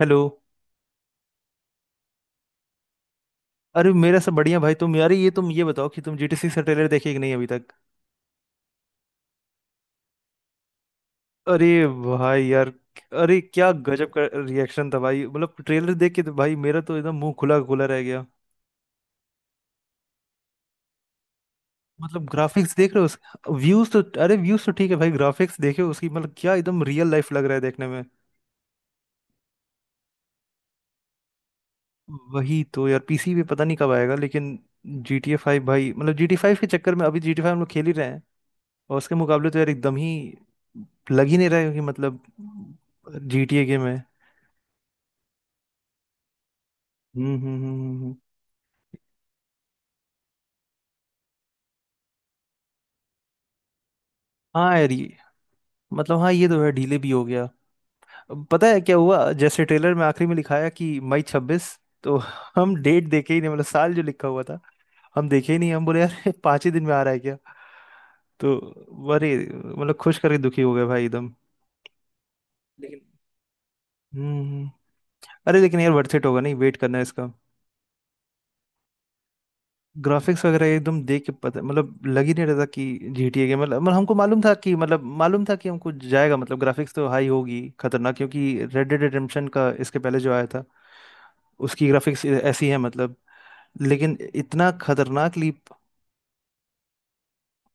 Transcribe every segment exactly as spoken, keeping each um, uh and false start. Hello. अरे मेरा सब बढ़िया भाई। तुम यार ये तुम ये बताओ कि तुम जीटीसी से ट्रेलर देखे कि नहीं अभी तक। अरे भाई यार। अरे क्या गजब का रिएक्शन था भाई, मतलब ट्रेलर देख के तो भाई, मेरा तो एकदम मुंह खुला खुला रह गया। मतलब ग्राफिक्स देख रहे हो उसके, व्यूज तो, अरे व्यूज तो ठीक है भाई, ग्राफिक्स देखे उसकी। मतलब क्या एकदम रियल लाइफ लग रहा है देखने में। वही तो यार, पीसी पे पता नहीं कब आएगा। लेकिन जी टी ए फाइव भाई, मतलब जी टी फाइव के चक्कर में अभी जी टी फाइव हम लोग खेल ही रहे हैं। और उसके मुकाबले तो यार एकदम ही लग ही नहीं रहा है कि मतलब जी टी ए गेम है। हम्म हम्म हम्म, हम्म, हम्म। हाँ यार, ये मतलब, हाँ ये तो है, डिले भी हो गया। अब पता है क्या हुआ, जैसे ट्रेलर में आखिरी में लिखाया कि मई छब्बीस। तो हम डेट देखे ही नहीं, मतलब साल जो लिखा हुआ था हम देखे ही नहीं। हम बोले यार पांच ही दिन में आ रहा है क्या? तो अरे मतलब खुश करके दुखी हो गए भाई एकदम। लेकिन हम्म हम्म। अरे लेकिन यार, वर्थ इट होगा नहीं वेट करना इसका? ग्राफिक्स वगैरह एकदम देख के पता, मतलब लग ही नहीं रहता कि G T A के, मतलब मतलब हमको मालूम था कि मतलब मालूम था कि हमको जाएगा, मतलब ग्राफिक्स तो हाई होगी खतरनाक, क्योंकि रेड डेड रिडेम्पशन का इसके पहले जो आया था उसकी ग्राफिक्स ऐसी है मतलब। लेकिन इतना खतरनाक लीप।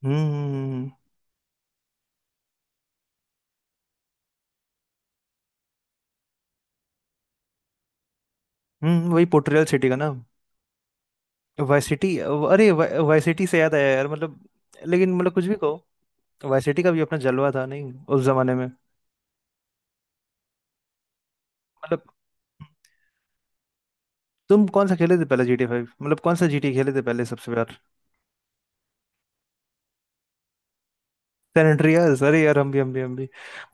हम्म हम्म हम्म, हम्म, हम्म, वही पोर्ट्रियल सिटी का ना? Vice City. अरे वाई सिटी से याद आया यार मतलब। लेकिन मतलब कुछ भी कहो, वाई सिटी का भी अपना जलवा था नहीं उस जमाने में। मतलब तुम कौन सा खेले थे पहले G T A फाइव? मतलब कौन सा G T A खेले थे पहले सबसे? San Andreas. अरे यार हम भी हम भी हम भी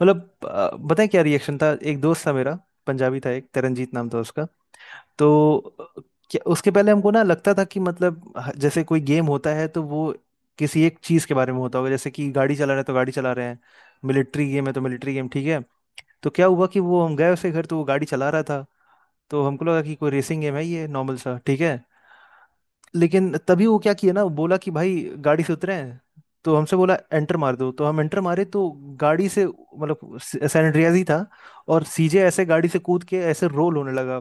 मतलब अ, पता है क्या रिएक्शन था। एक दोस्त था मेरा, पंजाबी था, एक तरनजीत नाम था उसका। तो अ, क्या उसके पहले हमको ना लगता था कि मतलब ह- जैसे कोई गेम होता है तो वो किसी एक चीज के बारे में होता होगा। जैसे कि गाड़ी चला रहे हैं तो गाड़ी चला रहे हैं, मिलिट्री गेम है तो मिलिट्री गेम। ठीक है। तो क्या हुआ कि वो हम गए उसके घर, तो वो गाड़ी चला रहा था। तो हमको लगा कि कोई रेसिंग गेम है ये, नॉर्मल सा, ठीक है। लेकिन तभी वो क्या किया ना, बोला कि भाई गाड़ी से उतरे हैं। तो हमसे बोला एंटर मार दो, तो हम एंटर मारे तो गाड़ी से, मतलब सैन एंड्रियाज ही था, और सीजे ऐसे गाड़ी से कूद के ऐसे रोल होने लगा।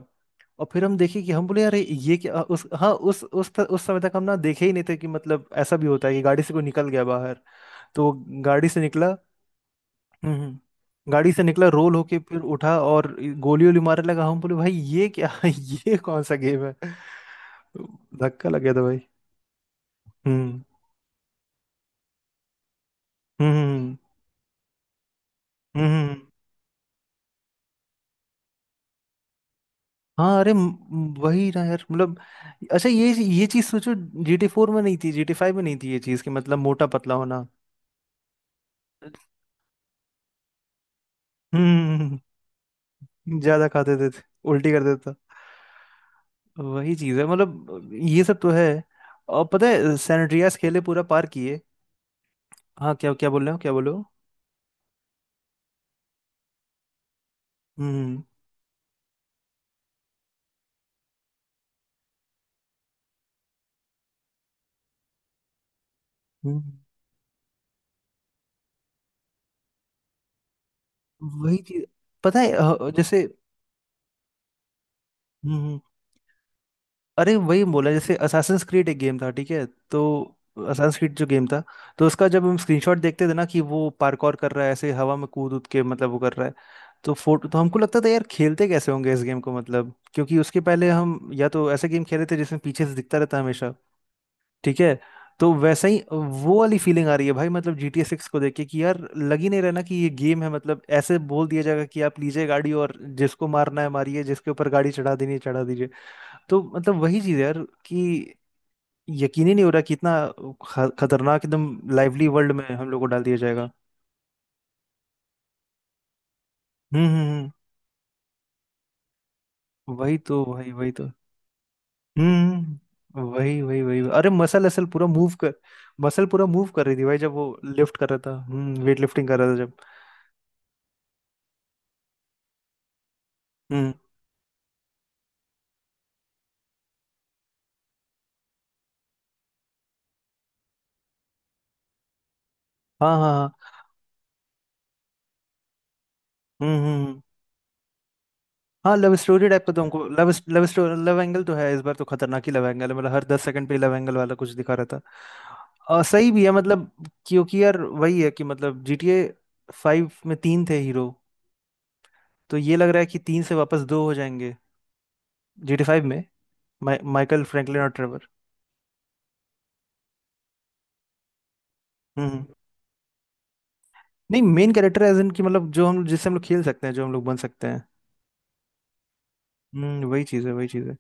और फिर हम देखे कि हम बोले यार ये क्या? उस हाँ उस उस उस समय तक हम ना देखे ही नहीं थे कि मतलब ऐसा भी होता है कि गाड़ी से कोई निकल गया बाहर। तो वो गाड़ी से निकला हम्म गाड़ी से निकला रोल होके फिर उठा और गोली वोली मारने लगा। हम बोले भाई ये क्या? ये कौन सा गेम है? धक्का लग गया था भाई। हम्म हम्म हम्म हम्म, हम्म। हाँ, अरे म- वही ना यार मतलब। अच्छा, ये ये चीज सोचो। जीटी फोर में नहीं थी, जीटी फाइव में नहीं थी ये चीज, कि मतलब मोटा पतला होना। हम्म, ज्यादा खाते थे, उल्टी कर देता। वही चीज है मतलब, ये सब तो है। और पता है, सैन खेले पूरा पार किए। हाँ, क्या क्या बोल रहे हो? क्या बोल रहे हो? हम्म हम्म। वही चीज। पता है अ, जैसे। हम्म, अरे वही बोला, जैसे असासिन्स क्रीड एक गेम था, ठीक है। तो असासिन्स क्रीड जो गेम था, तो उसका जब हम स्क्रीनशॉट देखते थे ना कि वो पार्कौर कर रहा है ऐसे, हवा में कूद उद के, मतलब वो कर रहा है। तो फोटो तो हमको लगता था यार, खेलते कैसे होंगे इस गेम को, मतलब क्योंकि उसके पहले हम या तो ऐसे गेम खेले थे जिसमें पीछे से दिखता रहता हमेशा। ठीक है। तो वैसा ही वो वाली फीलिंग आ रही है भाई, मतलब जी टी ए सिक्स को देख के, कि यार लग ही नहीं रहा ना कि ये गेम है। मतलब ऐसे बोल दिया जाएगा कि आप लीजिए गाड़ी, और जिसको मारना है मारिए, जिसके ऊपर गाड़ी चढ़ा देनी है चढ़ा दीजिए। तो मतलब वही चीज़ है यार, कि यकीन ही नहीं हो रहा कि इतना ख- खतरनाक एकदम लाइवली वर्ल्ड में हम लोग को डाल दिया जाएगा। हम्म हम्म हम्म, वही तो, वही वही तो। हम्म हम्म। वही वही वही, अरे मसल असल पूरा मूव कर मसल पूरा मूव कर रही थी भाई, जब वो लिफ्ट कर रहा था, हम्म वेट लिफ्टिंग कर रहा था जब। हम्म, हाँ हाँ हाँ। हम्म हम्म। हाँ, लव स्टोरी टाइप का तो। हमको love love story, love angle तो है इस बार, तो खतरनाक ही लव एंगल है मतलब, हर दस सेकंड पे लव एंगल वाला कुछ दिखा रहता। और सही भी है मतलब। क्योंकि यार वही है कि, मतलब G T A फाइव में तीन थे हीरो, तो ये लग रहा है कि तीन से वापस दो हो जाएंगे। G T A फाइव में मा, माइकल, फ्रैंकलिन और ट्रेवर। हम्म, नहीं, मेन कैरेक्टर एज इन, कि मतलब जो हम जिससे हम लोग खेल सकते हैं, जो हम लोग बन सकते हैं। हम्म, वही चीज़ है, वही चीज़ है।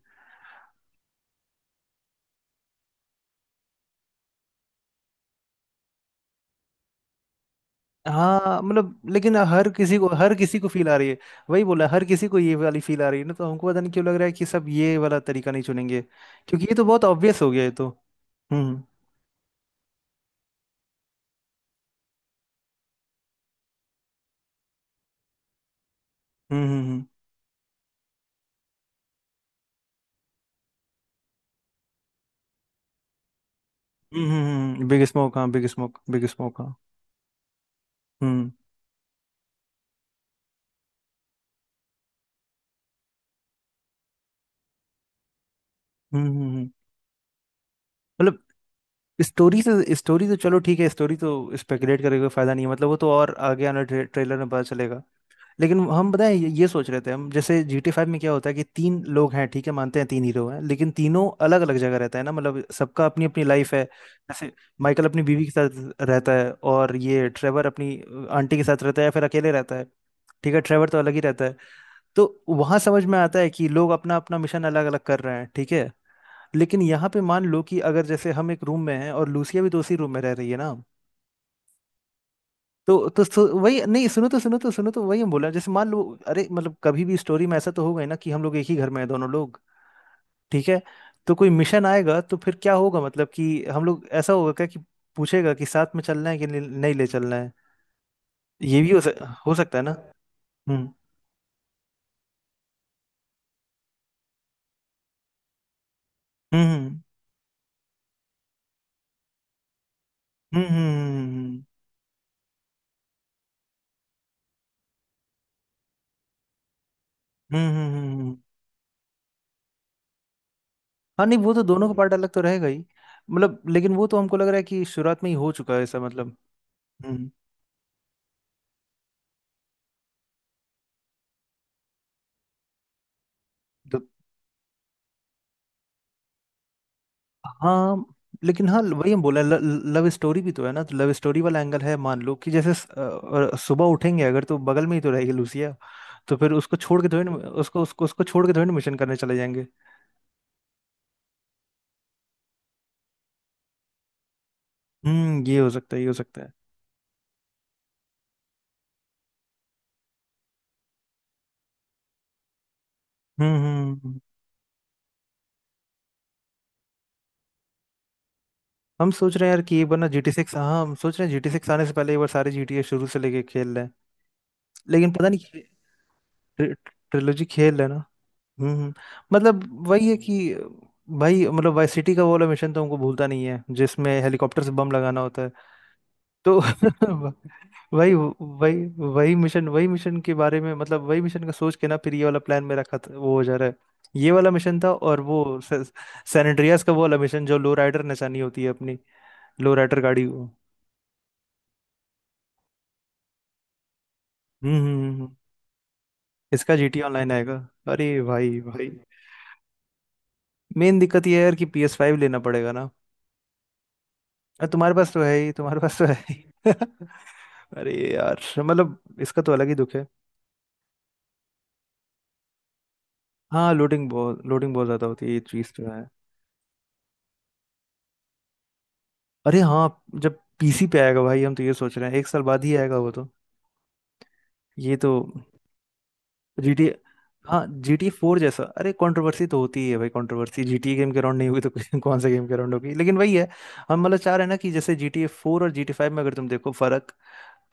हाँ मतलब, लेकिन हर किसी को, हर किसी को फील आ रही है। वही बोला, हर किसी को ये वाली फील आ रही है ना, तो हमको पता नहीं क्यों लग रहा है कि सब ये वाला तरीका नहीं चुनेंगे, क्योंकि ये तो बहुत ऑब्वियस हो गया है, तो हम्म हम्म हम्म। बिग स्मोक, हाँ, बिग स्मोक, बिग स्मोक, हाँ। हम्म हम्म हम्म हम्म। हम्म। मतलब स्टोरी से स्टोरी तो चलो ठीक है, स्टोरी तो स्पेकुलेट करके कोई फायदा नहीं है मतलब, वो तो और आगे आने ट्रे, ट्रेलर में पता चलेगा। लेकिन हम पता है ये ये सोच रहे थे हम, जैसे जी टी फाइव में क्या होता है कि तीन लोग हैं, ठीक है, मानते हैं तीन हीरो हैं, लेकिन तीनों अलग अलग जगह रहता है ना, मतलब सबका अपनी अपनी लाइफ है। जैसे माइकल अपनी बीवी के साथ रहता है, और ये ट्रेवर अपनी आंटी के साथ रहता है या फिर अकेले रहता है, ठीक है, ट्रेवर तो अलग ही रहता है। तो वहां समझ में आता है कि लोग अपना अपना मिशन अलग अलग कर रहे हैं, ठीक है। लेकिन यहाँ पे मान लो कि अगर जैसे हम एक रूम में हैं, और लूसिया भी तो उसी रूम में रह रही है ना। तो तो सु- वही नहीं, सुनो तो सुनो तो सुनो तो, वही हम बोला, जैसे मान लो, अरे मतलब कभी भी स्टोरी में ऐसा तो होगा ही ना कि हम लोग एक ही घर में हैं दोनों लोग, ठीक है। तो कोई मिशन आएगा तो फिर क्या होगा, मतलब कि हम लोग ऐसा होगा क्या कि पूछेगा कि साथ में चलना है कि नहीं, नहीं ले चलना है? ये भी हो सक, हो सकता है ना। हम्म हम्म हम्म हम्म हम्म हम्म, हम्म। हम्म, हम्म, हम्म, हम्म। हाँ नहीं, वो तो दोनों का पार्ट अलग तो रहेगा ही मतलब। लेकिन वो तो हमको लग रहा है कि शुरुआत में ही हो चुका है ऐसा, मतलब हम्म तो। हाँ लेकिन हाँ, वही हम बोला ल, लव स्टोरी भी तो है ना, तो लव स्टोरी वाला एंगल है, मान लो कि जैसे स- अ, सुबह उठेंगे अगर तो बगल में ही तो रहेगी लूसिया। तो फिर उसको छोड़ के थोड़ी ना उसको उसको उसको छोड़ के थोड़ी ना मिशन करने चले जाएंगे। हम्म, ये हो सकता है, ये हो सकता है। हम्म हम्म हम्म। हम सोच रहे हैं यार कि ये बना जी टी सिक्स, हाँ। हम सोच रहे हैं जी टी सिक्स आने से पहले एक बार सारे जी टी ए शुरू से लेके खेल रहे हैं। लेकिन पता नहीं, ट्रिलोजी खेल रहे हैं ना। हम्म हम्म। मतलब वही है कि, भाई मतलब वाई सिटी का वो वाला मिशन तो हमको भूलता नहीं है, जिसमें हेलीकॉप्टर से बम लगाना होता है तो वही वही वही मिशन, वही मिशन के बारे में मतलब, वही मिशन का सोच के ना फिर ये वाला प्लान मेरा खत वो हो जा रहा है। ये वाला मिशन था, और वो से, सैन एंड्रियास का वो वाला मिशन जो लो राइडर नचानी होती है अपनी, लो राइडर गाड़ी वो। हम्म हम्म, हम्म। हम्म। इसका जीटी ऑनलाइन आएगा? अरे भाई भाई, मेन दिक्कत ये है यार कि PS5 फाइव लेना पड़ेगा ना। अरे तुम्हारे पास तो है ही, तुम्हारे पास तो है ही। अरे यार मतलब इसका तो अलग ही दुख है। हाँ, लोडिंग बहुत, लोडिंग बहुत ज्यादा होती है, ये चीज़ तो है। अरे हाँ, जब पीसी पे आएगा भाई, हम तो ये सोच रहे हैं एक साल बाद ही आएगा वो तो, ये तो। जीटी हाँ जीटी फोर जैसा? अरे कंट्रोवर्सी तो होती ही है भाई, कंट्रोवर्सी जीटी गेम के राउंड नहीं हुई तो किसी- कौन सा गेम के राउंड होगी? लेकिन वही है। हम मतलब चाह रहे हैं ना कि जैसे जीटी फोर और जीटी फाइव में अगर तुम देखो फर्क,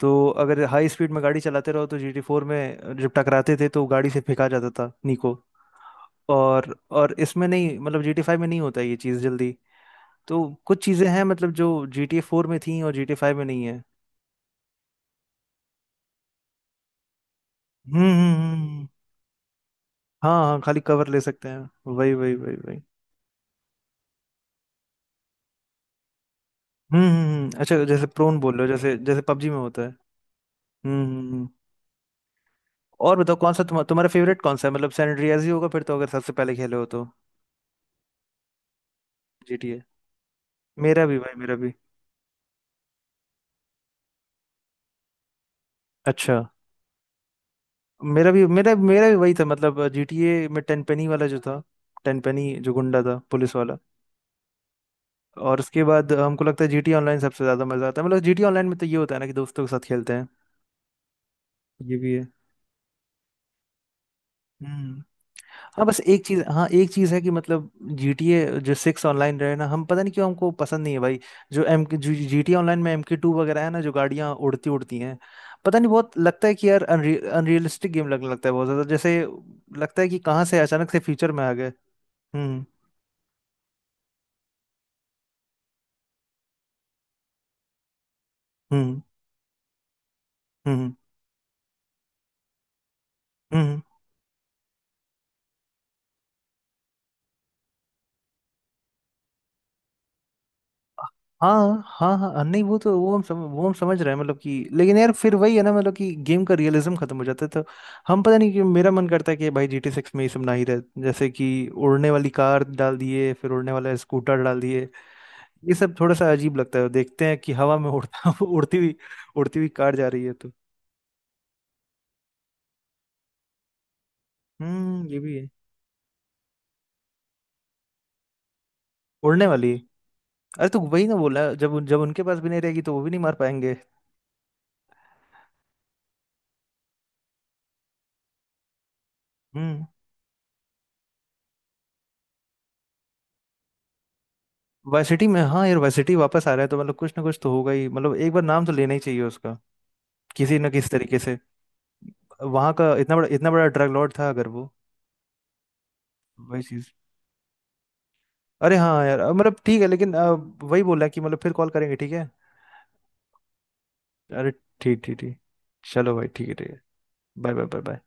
तो अगर हाई स्पीड में गाड़ी चलाते रहो तो जीटी फोर में जब टकराते थे तो गाड़ी से फेंका जाता था निको। और और इसमें नहीं, मतलब जीटी फाइव में नहीं होता ये चीज़ जल्दी। तो कुछ चीज़ें हैं मतलब जो जीटी फोर में थी और जीटी फाइव में नहीं है। हम्म हम्म, हम्म, हम्म। हाँ हाँ, खाली कवर ले सकते हैं। वही वही वही वही। हम्म हम्म हम्म। अच्छा जैसे प्रोन बोल रहे हो, जैसे जैसे पबजी में होता है। हम्म हम्म हम्म। और बताओ, कौन सा तुम्हा, तुम्हारा फेवरेट कौन सा है, मतलब सैन एंड्रियास ही होगा फिर तो, अगर सबसे पहले खेले हो तो। जीटीए, मेरा भी भाई, मेरा भी। अच्छा, मेरा भी, मेरा मेरा भी वही था, मतलब जीटीए में टेन पेनी वाला जो था। टेन पेनी जो गुंडा था, पुलिस वाला। और उसके बाद हमको लगता है जीटीए ऑनलाइन सबसे ज्यादा मजा आता है, मतलब जीटीए ऑनलाइन में तो ये होता है ना कि दोस्तों के साथ खेलते हैं। ये भी है, हम्म। हाँ, बस एक चीज हाँ एक चीज है कि मतलब G T A जो सिक्स ऑनलाइन रहे ना, हम पता नहीं क्यों हमको पसंद नहीं है भाई। जो एम जी टी ऑनलाइन में एम के टू वगैरह है ना, जो गाड़ियाँ उड़ती उड़ती हैं। पता नहीं, बहुत लगता है कि यार अनरि, अनरियलिस्टिक गेम लगने लगता है बहुत ज्यादा, जैसे लगता है कि कहाँ से अचानक से फ्यूचर में आ गए। हम्म हम्म हम्म हम्म। हाँ हाँ हाँ, नहीं वो तो, वो हम सम, वो हम समझ रहे हैं मतलब। कि लेकिन यार फिर वही है ना, मतलब कि गेम का रियलिज्म खत्म हो जाता है तो। हम पता नहीं क्यों मेरा मन करता है कि भाई जी टी सिक्स में ये सब ना ही रहे, जैसे कि उड़ने वाली कार डाल दिए, फिर उड़ने वाला स्कूटर डाल दिए, ये सब थोड़ा सा अजीब लगता है। देखते हैं कि हवा में उड़ता उड़ती हुई उड़ती हुई कार जा रही है तो। हम्म, ये भी है। उड़ने वाली, अरे तो वही ना बोला, जब उन- जब उनके पास भी नहीं रहेगी तो वो भी नहीं मार पाएंगे। हम्म, वाइसिटी में, हाँ यार, वाइसिटी वापस आ रहा है तो मतलब कुछ ना कुछ तो होगा ही, मतलब एक बार नाम तो लेना ही चाहिए उसका, किसी ना किसी तरीके से। वहाँ का इतना बड़ा इतना बड़ा ड्रग लॉर्ड था अगर वो, वही चीज। अरे हाँ यार मतलब ठीक है लेकिन अ, वही बोला कि मतलब फिर कॉल करेंगे, ठीक है? अरे ठीक ठीक ठीक, चलो भाई ठीक है, ठीक है। Bye bye bye bye.